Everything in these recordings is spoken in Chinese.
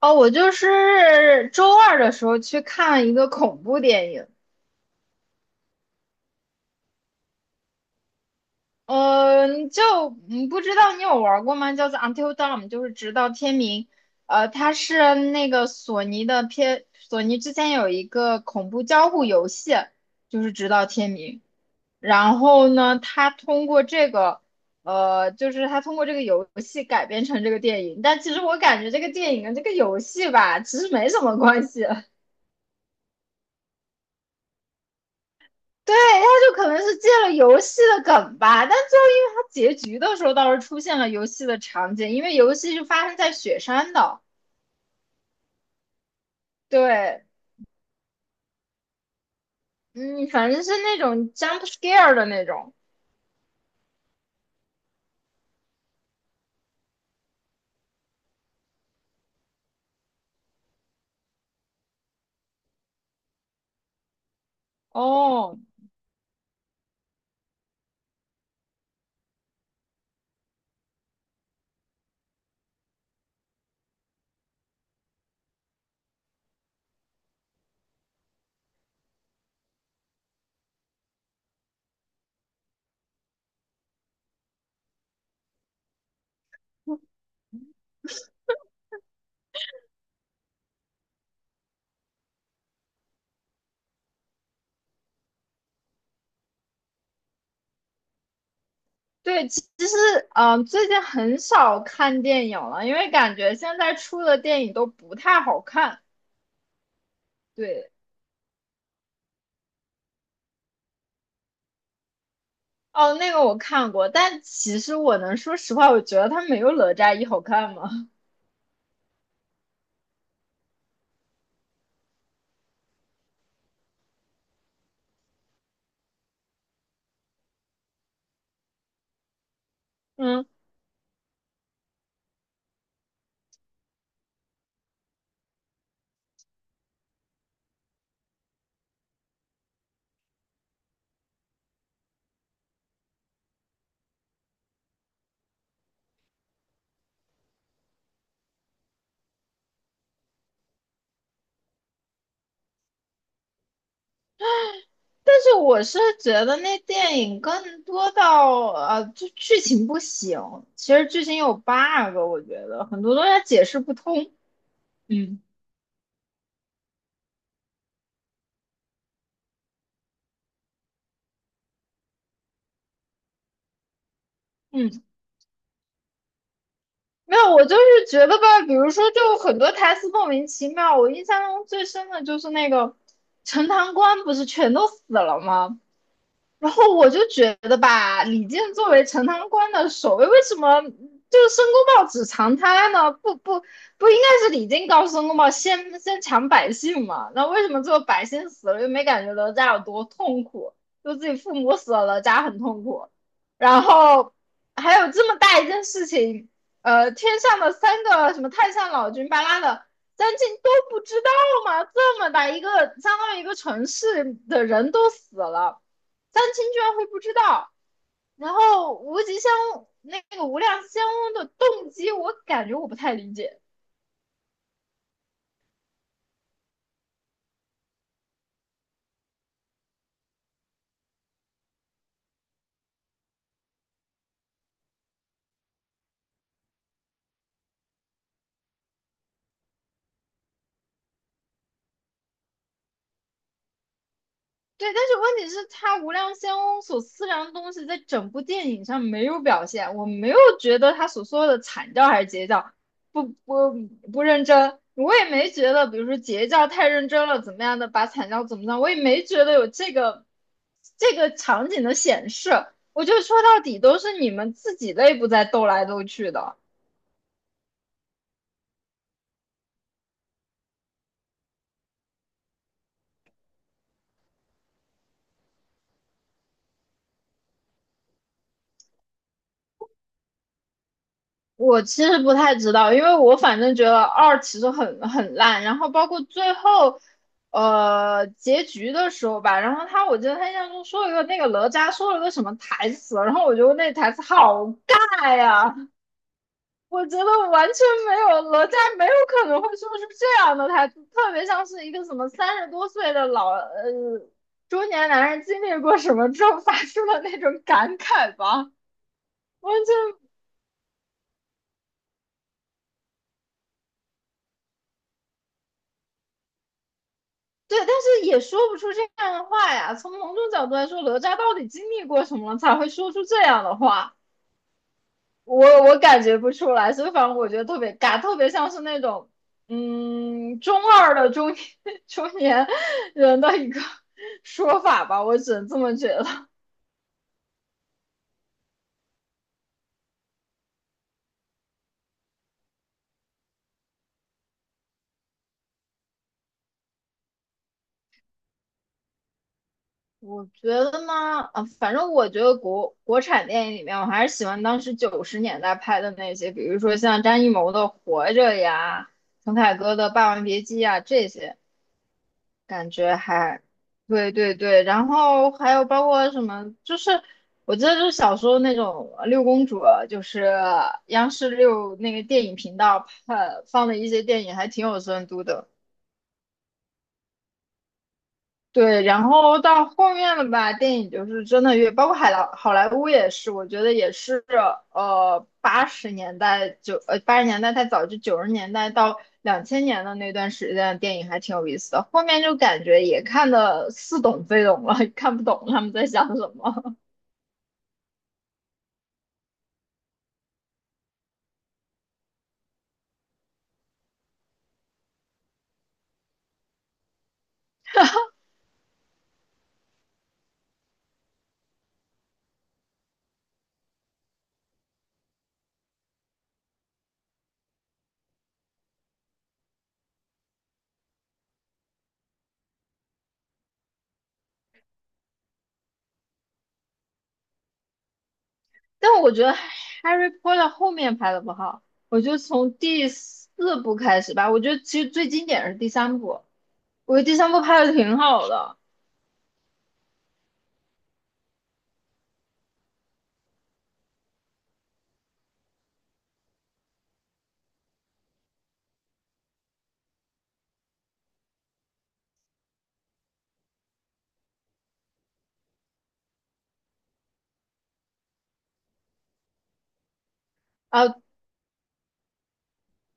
哦，我就是周二的时候去看一个恐怖电影，嗯，你就嗯不知道你有玩过吗？叫做《Until Dawn》，就是直到天明。它是那个索尼的片，索尼之前有一个恐怖交互游戏，就是直到天明。然后呢，它通过这个游戏改编成这个电影。但其实我感觉这个电影跟这个游戏吧，其实没什么关系。对，他就可能是借了游戏的梗吧，但最后因为他结局的时候倒是出现了游戏的场景，因为游戏是发生在雪山的。对，嗯，反正是那种 jump scare 的那种。哦，对，其实最近很少看电影了，因为感觉现在出的电影都不太好看。对，哦，那个我看过，但其实我能说实话，我觉得它没有《哪吒一》好看吗？嗯。但是我是觉得那电影更多到就剧情不行。其实剧情有 bug,我觉得很多东西解释不通。嗯嗯，没有，我就是觉得吧，比如说，就很多台词莫名其妙。我印象中最深的就是那个陈塘关不是全都死了吗？然后我就觉得吧，李靖作为陈塘关的守卫，为什么就是申公豹只藏他呢？不不不，应该是李靖告诉申公豹先抢百姓嘛？那为什么最后百姓死了又没感觉哪吒有多痛苦？就自己父母死了，哪吒很痛苦。然后还有这么大一件事情，天上的三个什么太上老君巴拉的。三晋都不知道吗？这么大一个，相当于一个城市的人都死了，三清居然会不知道。然后无极仙翁那个无量仙翁的动机，我感觉我不太理解。对，但是问题是，他无量仙翁所思量的东西，在整部电影上没有表现。我没有觉得他所说的惨叫还是截教不不不认真，我也没觉得，比如说截教太认真了怎么样的，把惨叫怎么样，我也没觉得有这个场景的显示。我觉得说到底都是你们自己内部在斗来斗去的。我其实不太知道，因为我反正觉得二其实很烂，然后包括最后，结局的时候吧，然后他我觉得他印象中说了一个那个哪吒说了个什么台词，然后我觉得那台词好尬呀，我觉得完全没有哪吒没有可能会说出这样的台词，特别像是一个什么30多岁的老中年男人经历过什么之后发出的那种感慨吧。完全对，但是也说不出这样的话呀。从某种角度来说，哪吒到底经历过什么了才会说出这样的话？我感觉不出来，所以反正我觉得特别尬，特别像是那种中二的中年 中年人的一个 说法吧，我只能这么觉得。我觉得呢，啊，反正我觉得国产电影里面，我还是喜欢当时九十年代拍的那些，比如说像张艺谋的《活着》呀，陈凯歌的《霸王别姬》呀这些。感觉还，对对对，然后还有包括什么，就是我记得就是小时候那种六公主，就是央视六那个电影频道放的一些电影，还挺有深度的。对，然后到后面了吧，电影就是真的越，包括好莱坞也是，我觉得也是，八十年代太早，就九十年代到2000年的那段时间，电影还挺有意思的。后面就感觉也看得似懂非懂了，看不懂他们在想什么。但我觉得《Harry Potter》后面拍的不好，我觉得从第四部开始吧，我觉得其实最经典的是第三部，我觉得第三部拍的挺好的啊，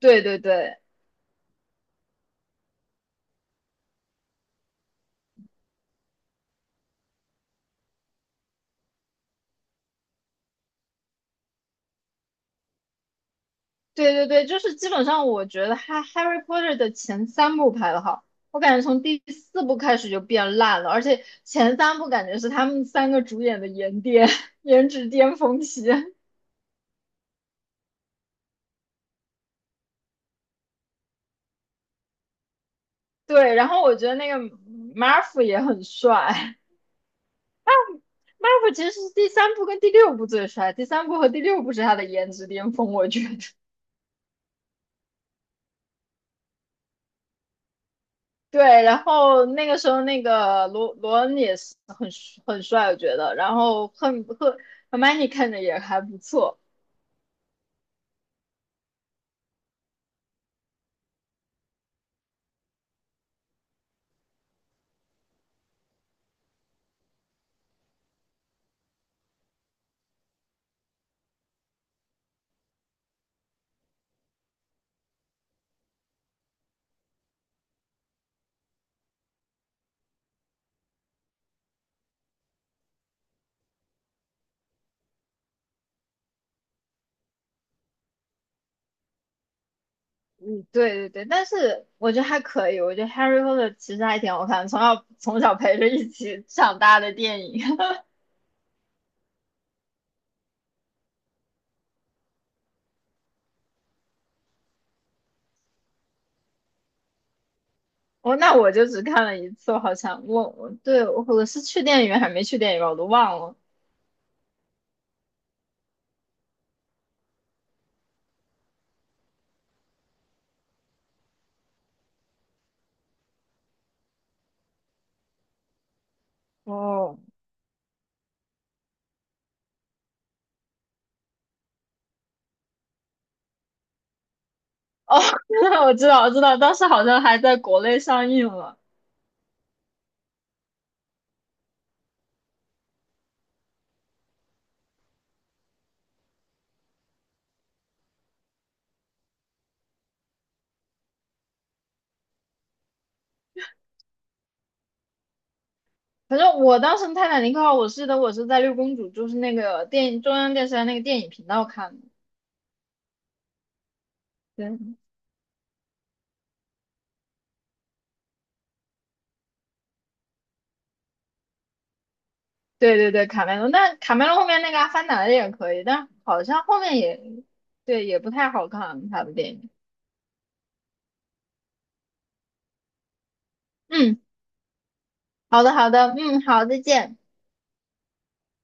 对对对。对对对，就是基本上我觉得哈《Harry Potter》的前三部拍的好，我感觉从第四部开始就变烂了，而且前三部感觉是他们三个主演的颜巅 颜值巅峰期。对，然后我觉得那个 Marv 也很帅，Marv 其实是第三部跟第六部最帅，第三部和第六部是他的颜值巅峰，我觉得。对，然后那个时候那个罗恩也是很帅，我觉得，然后赫 Hermine 看着也还不错。嗯，对对对，但是我觉得还可以，我觉得《Harry Potter》其实还挺好看的从小陪着一起长大的电影。那我就只看了一次，我好像我对我是去电影院还没去电影院，我都忘了。哦，哦，我知道我知道，当时好像还在国内上映了。反正我当时《泰坦尼克号》，我记得我是在六公主，就是那个电影中央电视台那个电影频道看的。对，对对对，卡梅隆，但卡梅隆后面那个《阿凡达》的也可以，但好像后面也，对，也不太好看他的电影。嗯，好的好的，嗯，好，再见。